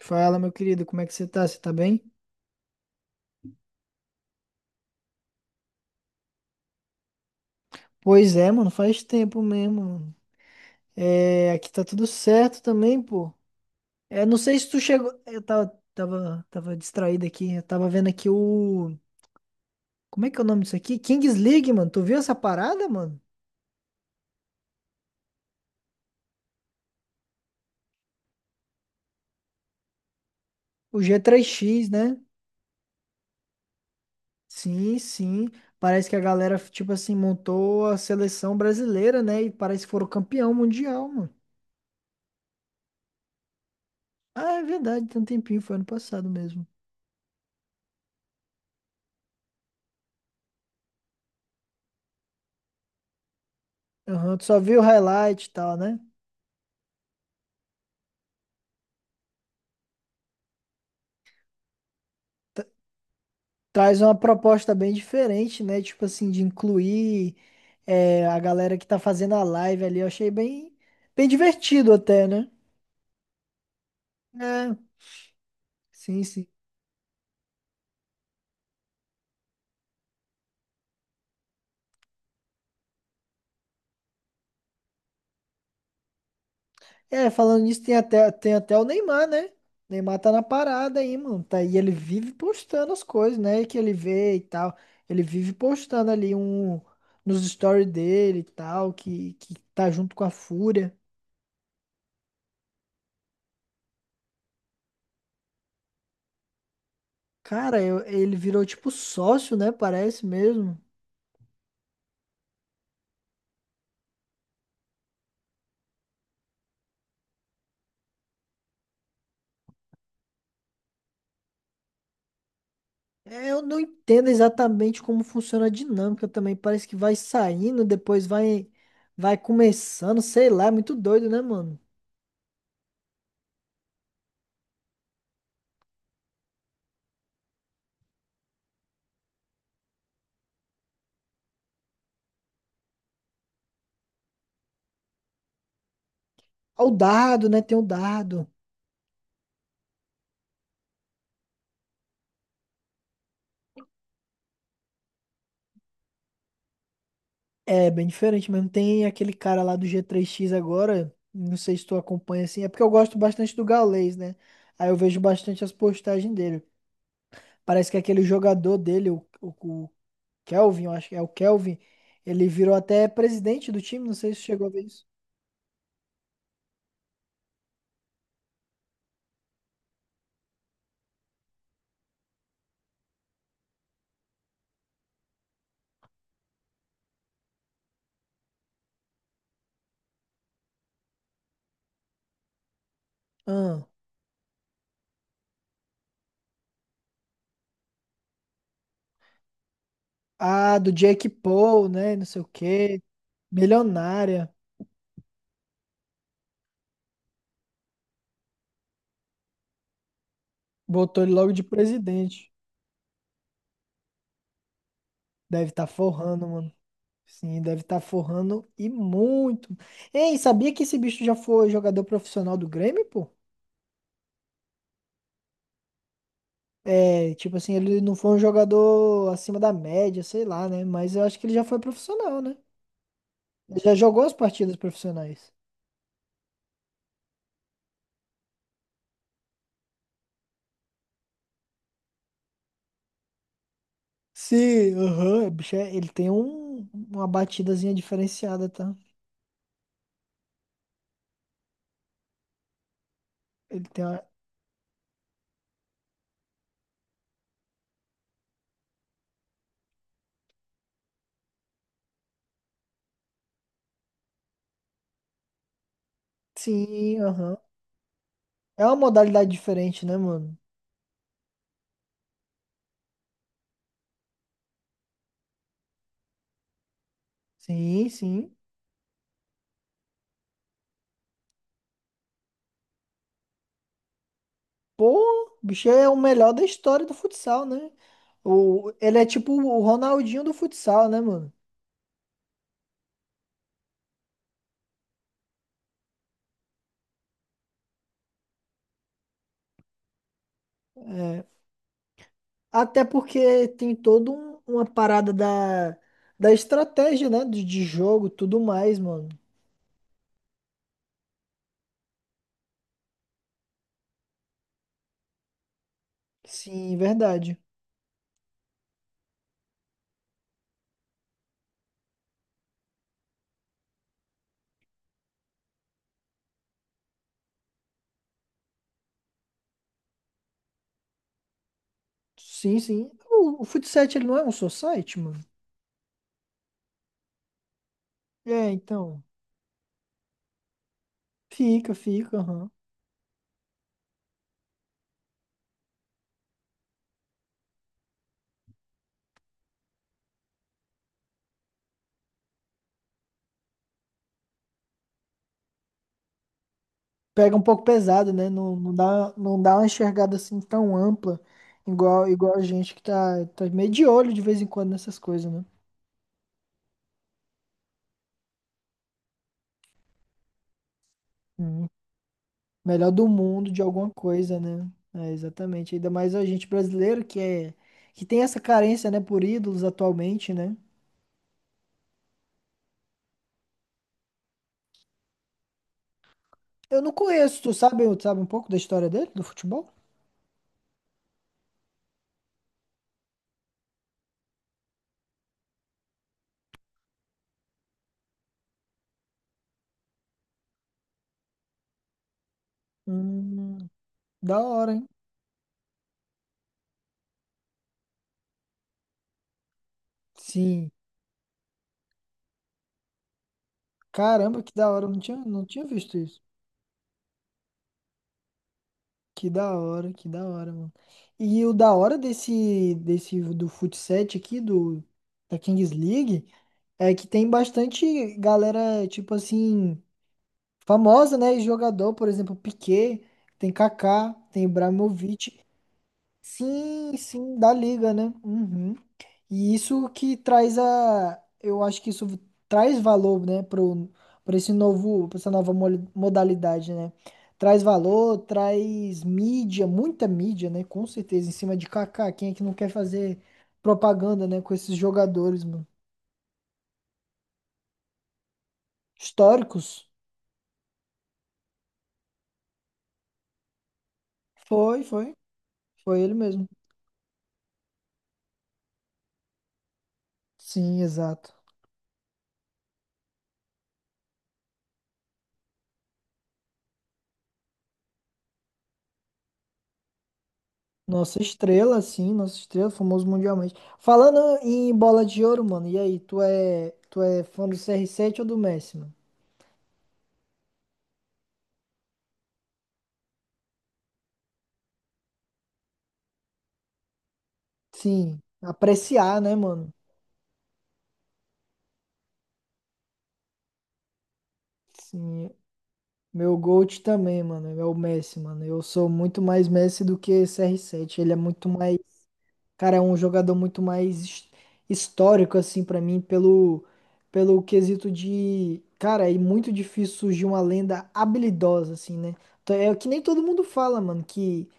Fala, meu querido, como é que você tá? Você tá bem? Pois é, mano, faz tempo mesmo, mano. É, aqui tá tudo certo também, pô. É, não sei se tu chegou. Eu tava distraído aqui. Eu tava vendo aqui o. Como é que é o nome disso aqui? Kings League, mano. Tu viu essa parada, mano? O G3X, né? Sim, sim. Parece que a galera, tipo assim, montou a seleção brasileira, né? E parece que foram campeão mundial, mano. Ah, é verdade, tem um tempinho, foi ano passado mesmo. Aham, tu só viu o highlight e tal, né? Traz uma proposta bem diferente, né? Tipo assim, de incluir a galera que tá fazendo a live ali. Eu achei bem, bem divertido até, né? É, sim, sim. É, falando nisso, tem até o Neymar, né? O Neymar tá na parada aí, mano. Tá, e ele vive postando as coisas, né? Que ele vê e tal. Ele vive postando ali um nos stories dele e tal, que tá junto com a Fúria. Cara, ele virou tipo sócio, né? Parece mesmo. É, eu não entendo exatamente como funciona a dinâmica também. Parece que vai saindo, depois vai começando, sei lá, é muito doido, né, mano? Ó, o dado, né? Tem o dado. É bem diferente mesmo. Tem aquele cara lá do g três x agora, não sei se tu acompanha assim, é porque eu gosto bastante do Gaules, né? Aí eu vejo bastante as postagens dele. Parece que aquele jogador dele, o Kelvin, eu acho que é o Kelvin, ele virou até presidente do time, não sei se chegou a ver isso. Ah, do Jake Paul, né? Não sei o quê. Milionária. Botou ele logo de presidente. Deve estar forrando, mano. Sim, deve estar forrando e muito. Ei, sabia que esse bicho já foi jogador profissional do Grêmio, pô? É, tipo assim, ele não foi um jogador acima da média, sei lá, né? Mas eu acho que ele já foi profissional, né? Ele já jogou as partidas profissionais. Sim, aham. Bicho, ele tem um, uma batidazinha diferenciada, tá? Ele tem uma. Sim, aham. É uma modalidade diferente, né, mano? Sim, sim. Pô, o bicho é o melhor da história do futsal, né? O, ele é tipo o Ronaldinho do futsal, né, mano? É, até porque tem toda uma parada da, da estratégia, né? De jogo, tudo mais, mano. Sim, verdade. Sim, sim. O futsal, ele não é um society, mano? É, então. Aham. Pega um pouco pesado, né? Não dá uma enxergada assim tão ampla, igual, igual a gente que tá, tá meio de olho de vez em quando nessas coisas, né? Hum. Melhor do mundo de alguma coisa, né? É, exatamente. Ainda mais a gente brasileiro que é que tem essa carência, né, por ídolos atualmente, né? Eu não conheço, tu sabe um pouco da história dele, do futebol? Hum, da hora, hein? Sim. Caramba, que da hora, eu não tinha visto isso. Que da hora, mano. E o da hora desse, desse do futsal aqui, do, da Kings League, é que tem bastante galera, tipo assim, famosa, né? E jogador, por exemplo, Piqué, tem Kaká, tem Ibrahimovic. Sim, sim, da liga, né? Uhum. E isso que traz a, eu acho que isso traz valor, né, pro, para esse novo, para essa nova modalidade, né? Traz valor, traz mídia, muita mídia, né? Com certeza, em cima de Kaká, quem é que não quer fazer propaganda, né, com esses jogadores, mano? Históricos? Foi, foi, foi ele mesmo. Sim, exato. Nossa estrela, sim, nossa estrela, famoso mundialmente. Falando em bola de ouro, mano, e aí, tu é fã do CR7 ou do Messi, mano? Sim, apreciar, né, mano? Sim, meu GOAT também, mano, é o Messi, mano. Eu sou muito mais Messi do que CR7. Ele é muito mais. Cara, é um jogador muito mais histórico, assim, pra mim, pelo, pelo quesito de. Cara, é muito difícil surgir uma lenda habilidosa, assim, né? Então, é o que nem todo mundo fala, mano, que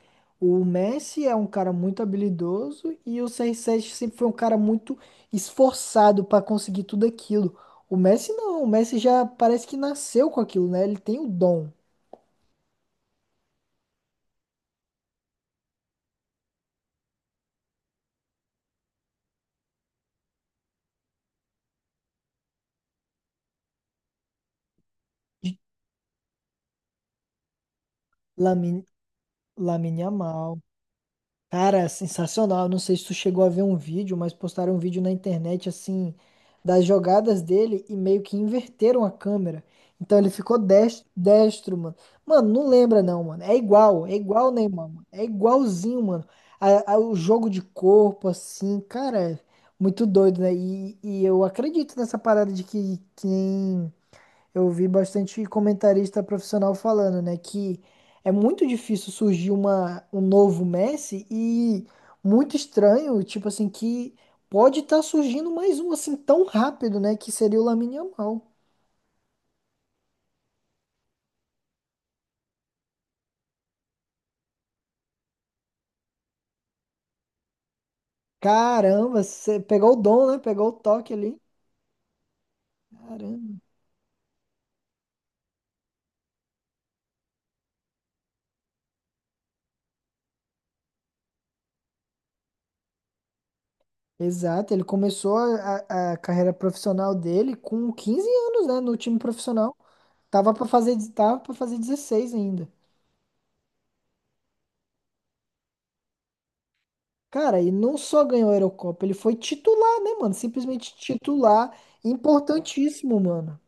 o Messi é um cara muito habilidoso e o CR7 sempre foi um cara muito esforçado pra conseguir tudo aquilo. O Messi não, o Messi já parece que nasceu com aquilo, né? Ele tem o dom. Lamine, Lamine Yamal. Cara, sensacional. Não sei se tu chegou a ver um vídeo, mas postaram um vídeo na internet assim das jogadas dele e meio que inverteram a câmera. Então ele ficou destro, mano. Mano, não lembra não, mano. É igual o Neymar, mano. É igualzinho, mano. O jogo de corpo, assim, cara, é muito doido, né? E eu acredito nessa parada de que quem eu vi bastante comentarista profissional falando, né, que é muito difícil surgir um novo Messi e muito estranho, tipo assim, que pode estar surgindo mais um assim tão rápido, né, que seria o Lamine Yamal. Caramba, você pegou o dom, né? Pegou o toque ali. Caramba. Exato, ele começou a carreira profissional dele com 15 anos, né, no time profissional. Tava para fazer 16 ainda. Cara, e não só ganhou a Eurocopa, ele foi titular, né, mano? Simplesmente titular, importantíssimo, mano.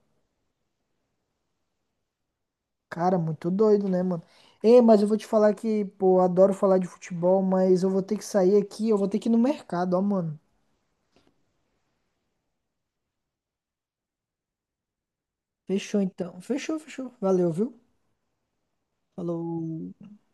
Cara, muito doido, né, mano? Ei, mas eu vou te falar que, pô, eu adoro falar de futebol, mas eu vou ter que sair aqui, eu vou ter que ir no mercado, ó, mano. Fechou então. Fechou. Valeu, viu? Falou.